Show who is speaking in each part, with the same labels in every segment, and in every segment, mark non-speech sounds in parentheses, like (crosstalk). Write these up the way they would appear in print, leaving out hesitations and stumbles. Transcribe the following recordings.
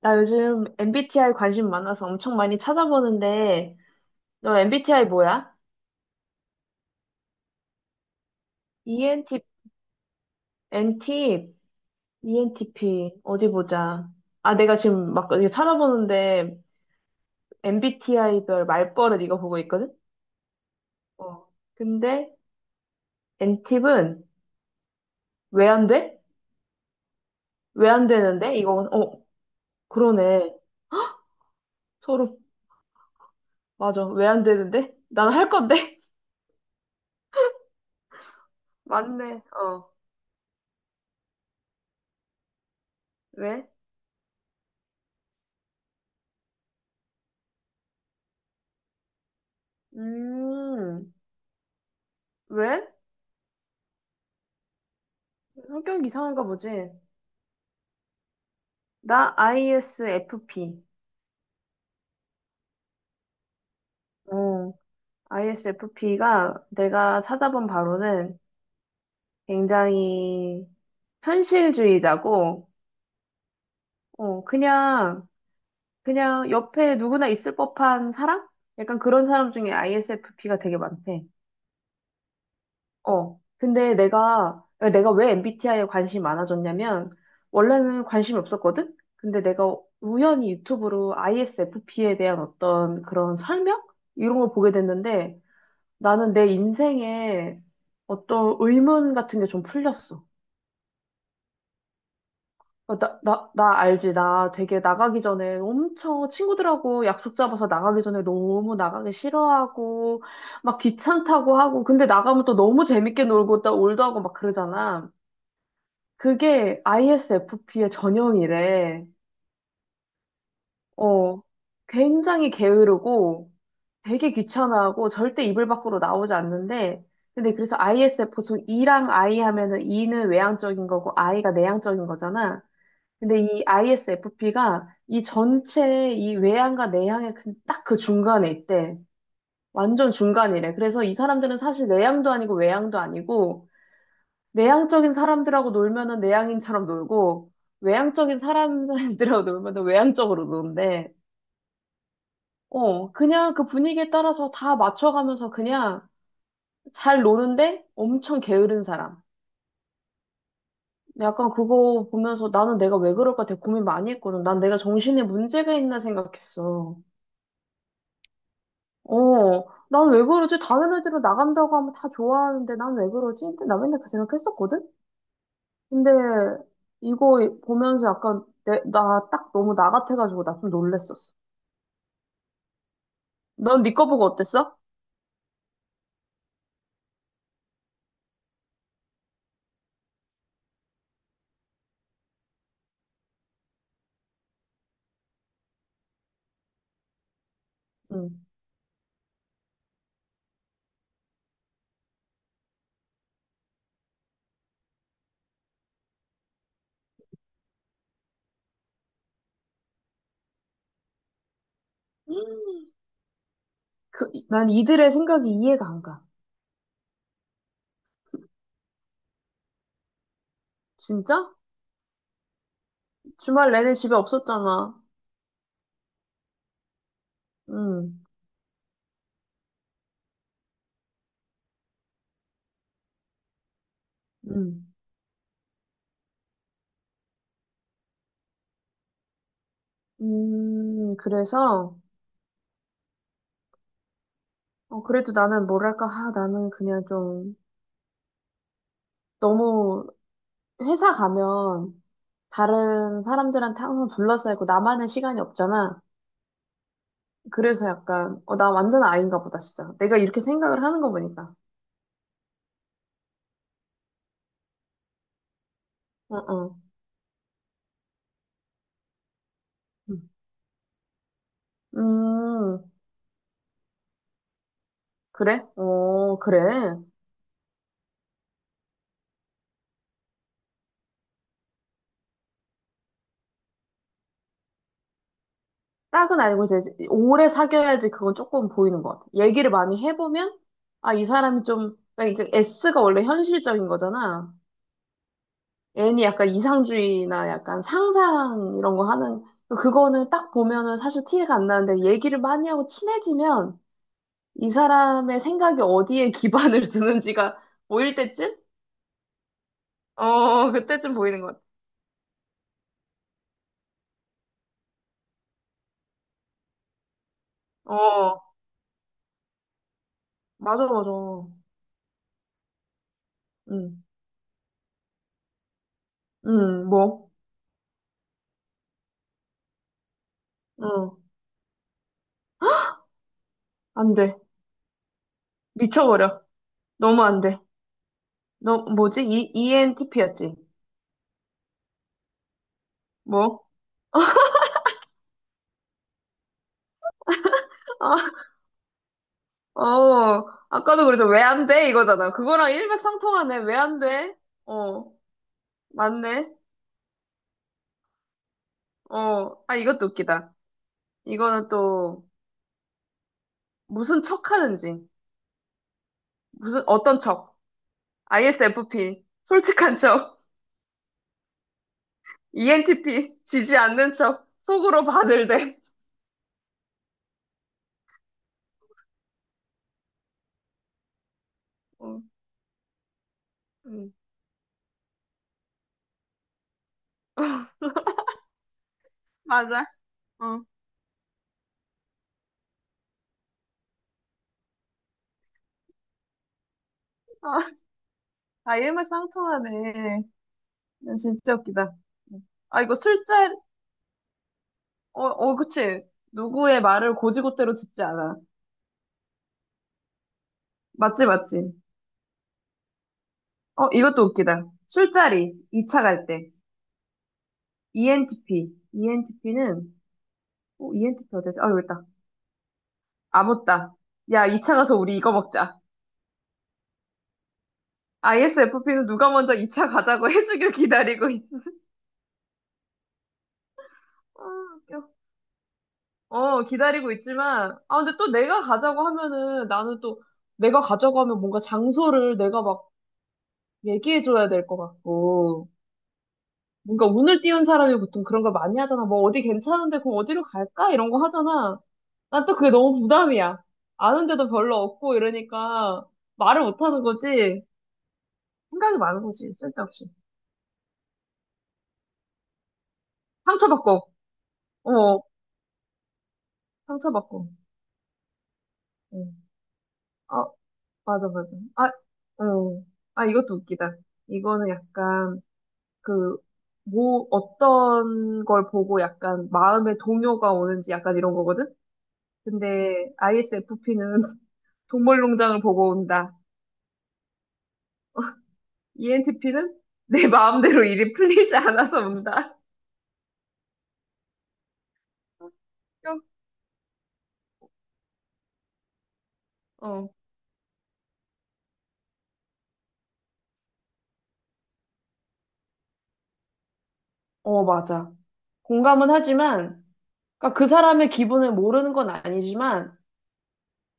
Speaker 1: 나 요즘 MBTI 관심 많아서 엄청 많이 찾아보는데, 너 MBTI 뭐야? ENT, NT, ENTP, 어디 보자. 아, 내가 지금 막 이거 찾아보는데, MBTI별 말버릇 이거 보고 있거든? 어. 근데, NT는 왜 안 돼? 왜 안 되는데? 이거, 어, 그러네. 서로, 맞아. 왜 안 되는데? 난 할 건데? (laughs) 맞네. 어. 왜? 음, 왜? 성격 이상한가 보지. 나 ISFP. 어, ISFP가 내가 찾아본 바로는 굉장히 현실주의자고, 어, 그냥, 그냥 옆에 누구나 있을 법한 사람? 약간 그런 사람 중에 ISFP가 되게 많대. 어, 근데 내가, 그러니까 내가 왜 MBTI에 관심이 많아졌냐면, 원래는 관심이 없었거든? 근데 내가 우연히 유튜브로 ISFP에 대한 어떤 그런 설명? 이런 걸 보게 됐는데, 나는 내 인생에 어떤 의문 같은 게 좀 풀렸어. 어, 나 알지. 나 되게 나가기 전에 엄청 친구들하고 약속 잡아서 나가기 전에 너무 나가기 싫어하고, 막 귀찮다고 하고, 근데 나가면 또 너무 재밌게 놀고 또 올드하고 막 그러잖아. 그게 ISFP의 전형이래. 어, 굉장히 게으르고 되게 귀찮아하고 절대 이불 밖으로 나오지 않는데 근데 그래서 ISF 보통 E랑 I 하면은 E는 외향적인 거고 I가 내향적인 거잖아. 근데 이 ISFP가 이 전체 이 외향과 내향의 그, 딱그 중간에 있대. 완전 중간이래. 그래서 이 사람들은 사실 내향도 아니고 외향도 아니고 내향적인 사람들하고 놀면은 내향인처럼 놀고 외향적인 사람들하고 놀면은 외향적으로 노는데 어, 그냥 그 분위기에 따라서 다 맞춰가면서 그냥 잘 노는데 엄청 게으른 사람. 약간 그거 보면서 나는 내가 왜 그럴까 되게 고민 많이 했거든. 난 내가 정신에 문제가 있나 생각했어. 어, 난 왜 그러지? 다른 애들은 나간다고 하면 다 좋아하는데 난 왜 그러지? 근데 나 맨날 그 생각했었거든? 근데 이거 보면서 약간 나 딱 너무 나 같아가지고 나 좀 놀랬었어. 넌 네 거 보고 어땠어? 응. 그, 난 이들의 생각이 이해가 안 가. 진짜? 주말 내내 집에 없었잖아. 응, 응. 그래서, 어, 그래도 나는 뭐랄까, 아, 나는 그냥 좀, 너무, 회사 가면, 다른 사람들한테 항상 둘러싸이고, 나만의 시간이 없잖아. 그래서 약간, 어, 나 완전 아이인가 보다, 진짜. 내가 이렇게 생각을 하는 거 보니까. 어, 어. 음, 음, 그래? 어, 그래. 딱은 아니고 이제 오래 사귀어야지 그건 조금 보이는 것 같아. 얘기를 많이 해보면 아, 이 사람이 좀 그러니까 이게 S가 원래 현실적인 거잖아. N이 약간 이상주의나 약간 상상 이런 거 하는 그러니까 그거는 딱 보면은 사실 티가 안 나는데 얘기를 많이 하고 친해지면 이 사람의 생각이 어디에 기반을 (laughs) 두는지가 보일 때쯤? 어, 그때쯤 보이는 것 같아. 어, 맞아, 맞아. 응, 응, 뭐, 응, 안 돼. 미쳐버려. 너무 안 돼. 너 뭐지? ENTP였지 뭐? 아, 어, 아까도 그래서 왜 안 돼? 이거잖아. 그거랑 일맥상통하네. 왜 안 돼? 어, 맞네. 어, 아, 이것도 웃기다. 이거는 또 무슨 척 하는지. 무슨, 어떤 척. ISFP. 솔직한 척. ENTP. 지지 않는 척. 속으로 바늘대. 어, 음, 맞아. 어. 아, 아, 일맥상통하네. 진짜 웃기다. 음. 아, 이거 술자, 어, 어, 그치. 누구의 말을 고지고대로 듣지 않아. 맞지, 맞지. 어, 이것도 웃기다. 술자리, 2차 갈 때. ENTP. ENTP는, 어, ENTP 어디지? 아, 여기 있다. 아무따. 야, 2차 가서 우리 이거 먹자. ISFP는 누가 먼저 2차 가자고 (laughs) 해주길 기다리고 있어. 아, 웃겨. 어, 기다리고 있지만, 아, 근데 또 내가 가자고 하면은, 나는 또, 내가 가자고 하면 뭔가 장소를 내가 막 얘기해줘야 될 것 같고. 뭔가 운을 띄운 사람이 보통 그런 걸 많이 하잖아. 뭐 어디 괜찮은데 그럼 어디로 갈까? 이런 거 하잖아. 난 또 그게 너무 부담이야. 아는데도 별로 없고 이러니까 말을 못 하는 거지. 생각이 많은 거지. 쓸데없이. 상처받고. 어, 상처받고. 응. 어, 아, 맞아, 맞아. 아, 어. 아, 이것도 웃기다. 이거는 약간 그, 뭐, 어떤 걸 보고 약간 마음에 동요가 오는지 약간 이런 거거든? 근데 ISFP는 (laughs) 동물농장을 보고 온다. ENTP는 내 마음대로 일이 풀리지 않아서 운다. 웃겨. 어, 어, 맞아. 공감은 하지만, 그러니까 그 사람의 기분을 모르는 건 아니지만,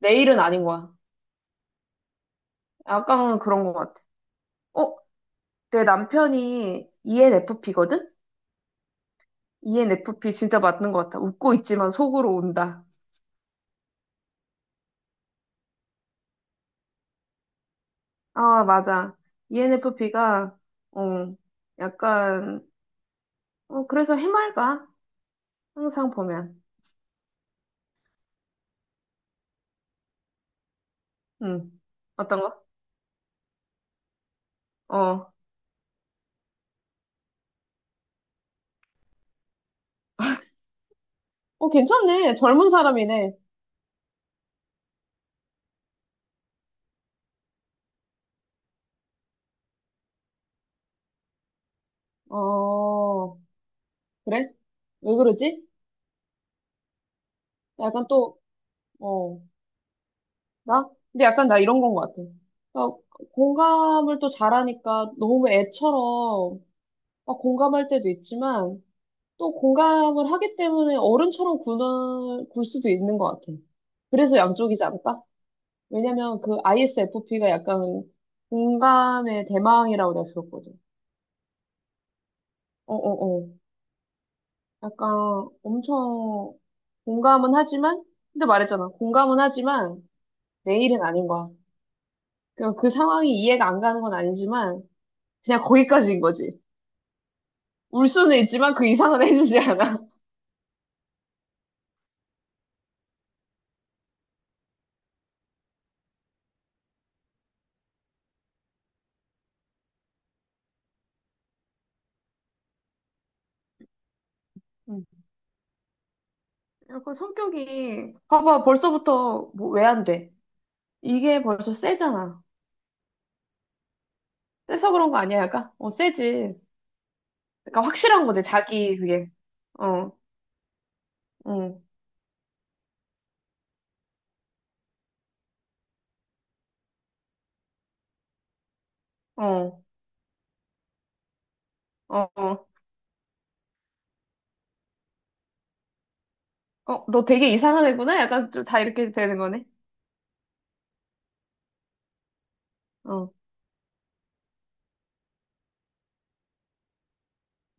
Speaker 1: 내 일은 아닌 거야. 약간은 그런 것 같아. 어, 내 남편이 ENFP거든? ENFP 진짜 맞는 것 같아. 웃고 있지만 속으로 운다. 아, 맞아. ENFP가, 어, 약간, 어, 그래서 해맑아. 항상 보면. 응. 어떤 거? 어. 어, 괜찮네. 젊은 사람이네. 어, 그래? 왜 그러지? 약간 또, 어, 나? 근데 약간 나 이런 건 것 같아. 나 공감을 또 잘하니까 너무 애처럼 막 공감할 때도 있지만 또 공감을 하기 때문에 어른처럼 굴 수도 있는 것 같아. 그래서 양쪽이지 않을까? 왜냐면 그 ISFP가 약간 공감의 대망이라고 내가 들었거든. 어, 어, 어. 약간 엄청 공감은 하지만, 근데 말했잖아. 공감은 하지만 내일은 아닌 거야. 그러니까 그 상황이 이해가 안 가는 건 아니지만, 그냥 거기까지인 거지. 울 수는 있지만 그 이상은 (laughs) 해주지 않아. 음. 약간 성격이, 봐봐, 벌써부터 뭐 왜 안 돼? 이게 벌써 세잖아. 세서 그런 거 아니야, 약간? 어, 세지. 약간 확실한 거지, 자기 그게. 어, 응, 어, 어, 어. 어, 너 되게 이상한 애구나? 약간 좀 다 이렇게 되는 거네. 어.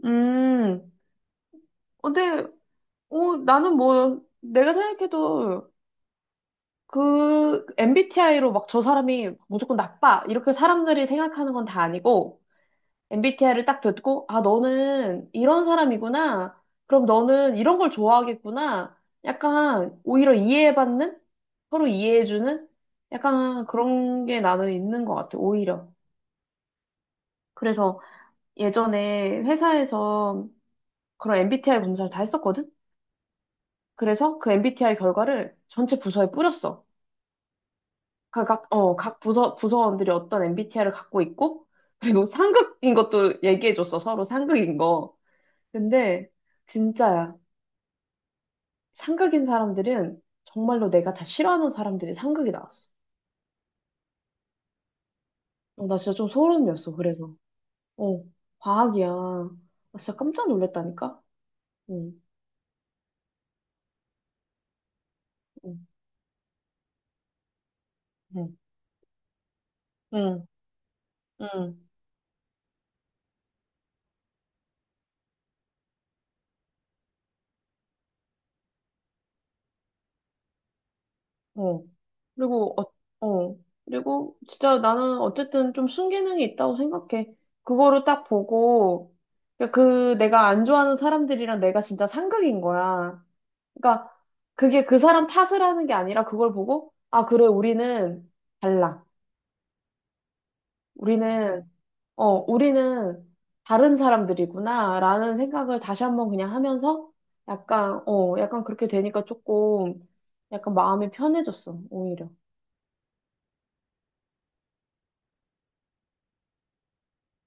Speaker 1: 음. 어, 근데 어, 나는 뭐 내가 생각해도 그 MBTI로 막 저 사람이 무조건 나빠 이렇게 사람들이 생각하는 건 다 아니고 MBTI를 딱 듣고 아 너는 이런 사람이구나 그럼 너는 이런 걸 좋아하겠구나 약간 오히려 이해받는 서로 이해해주는 약간 그런 게 나는 있는 것 같아 오히려 그래서 예전에 회사에서 그런 MBTI 검사를 다 했었거든 그래서 그 MBTI 결과를 전체 부서에 뿌렸어 부서원들이 어떤 MBTI를 갖고 있고, 그리고 상극인 것도 얘기해줬어, 서로 상극인 거. 근데, 진짜야. 상극인 사람들은 정말로 내가 다 싫어하는 사람들이 상극이 나왔어. 어, 나 진짜 좀 소름이었어, 그래서. 어, 과학이야. 나 진짜 깜짝 놀랐다니까? 응, 응, 응, 응, 응. 어. 그리고, 어, 어. 그리고 진짜 나는 어쨌든 좀 순기능이 있다고 생각해. 그거를 딱 보고, 그러니까 그 내가 안 좋아하는 사람들이랑 내가 진짜 상극인 거야. 그러니까 그게 그 사람 탓을 하는 게 아니라 그걸 보고, 아, 그래, 우리는 달라. 우리는, 어, 우리는 다른 사람들이구나. 라는 생각을 다시 한번 그냥 하면서 약간, 어, 약간 그렇게 되니까 조금 약간 마음이 편해졌어, 오히려.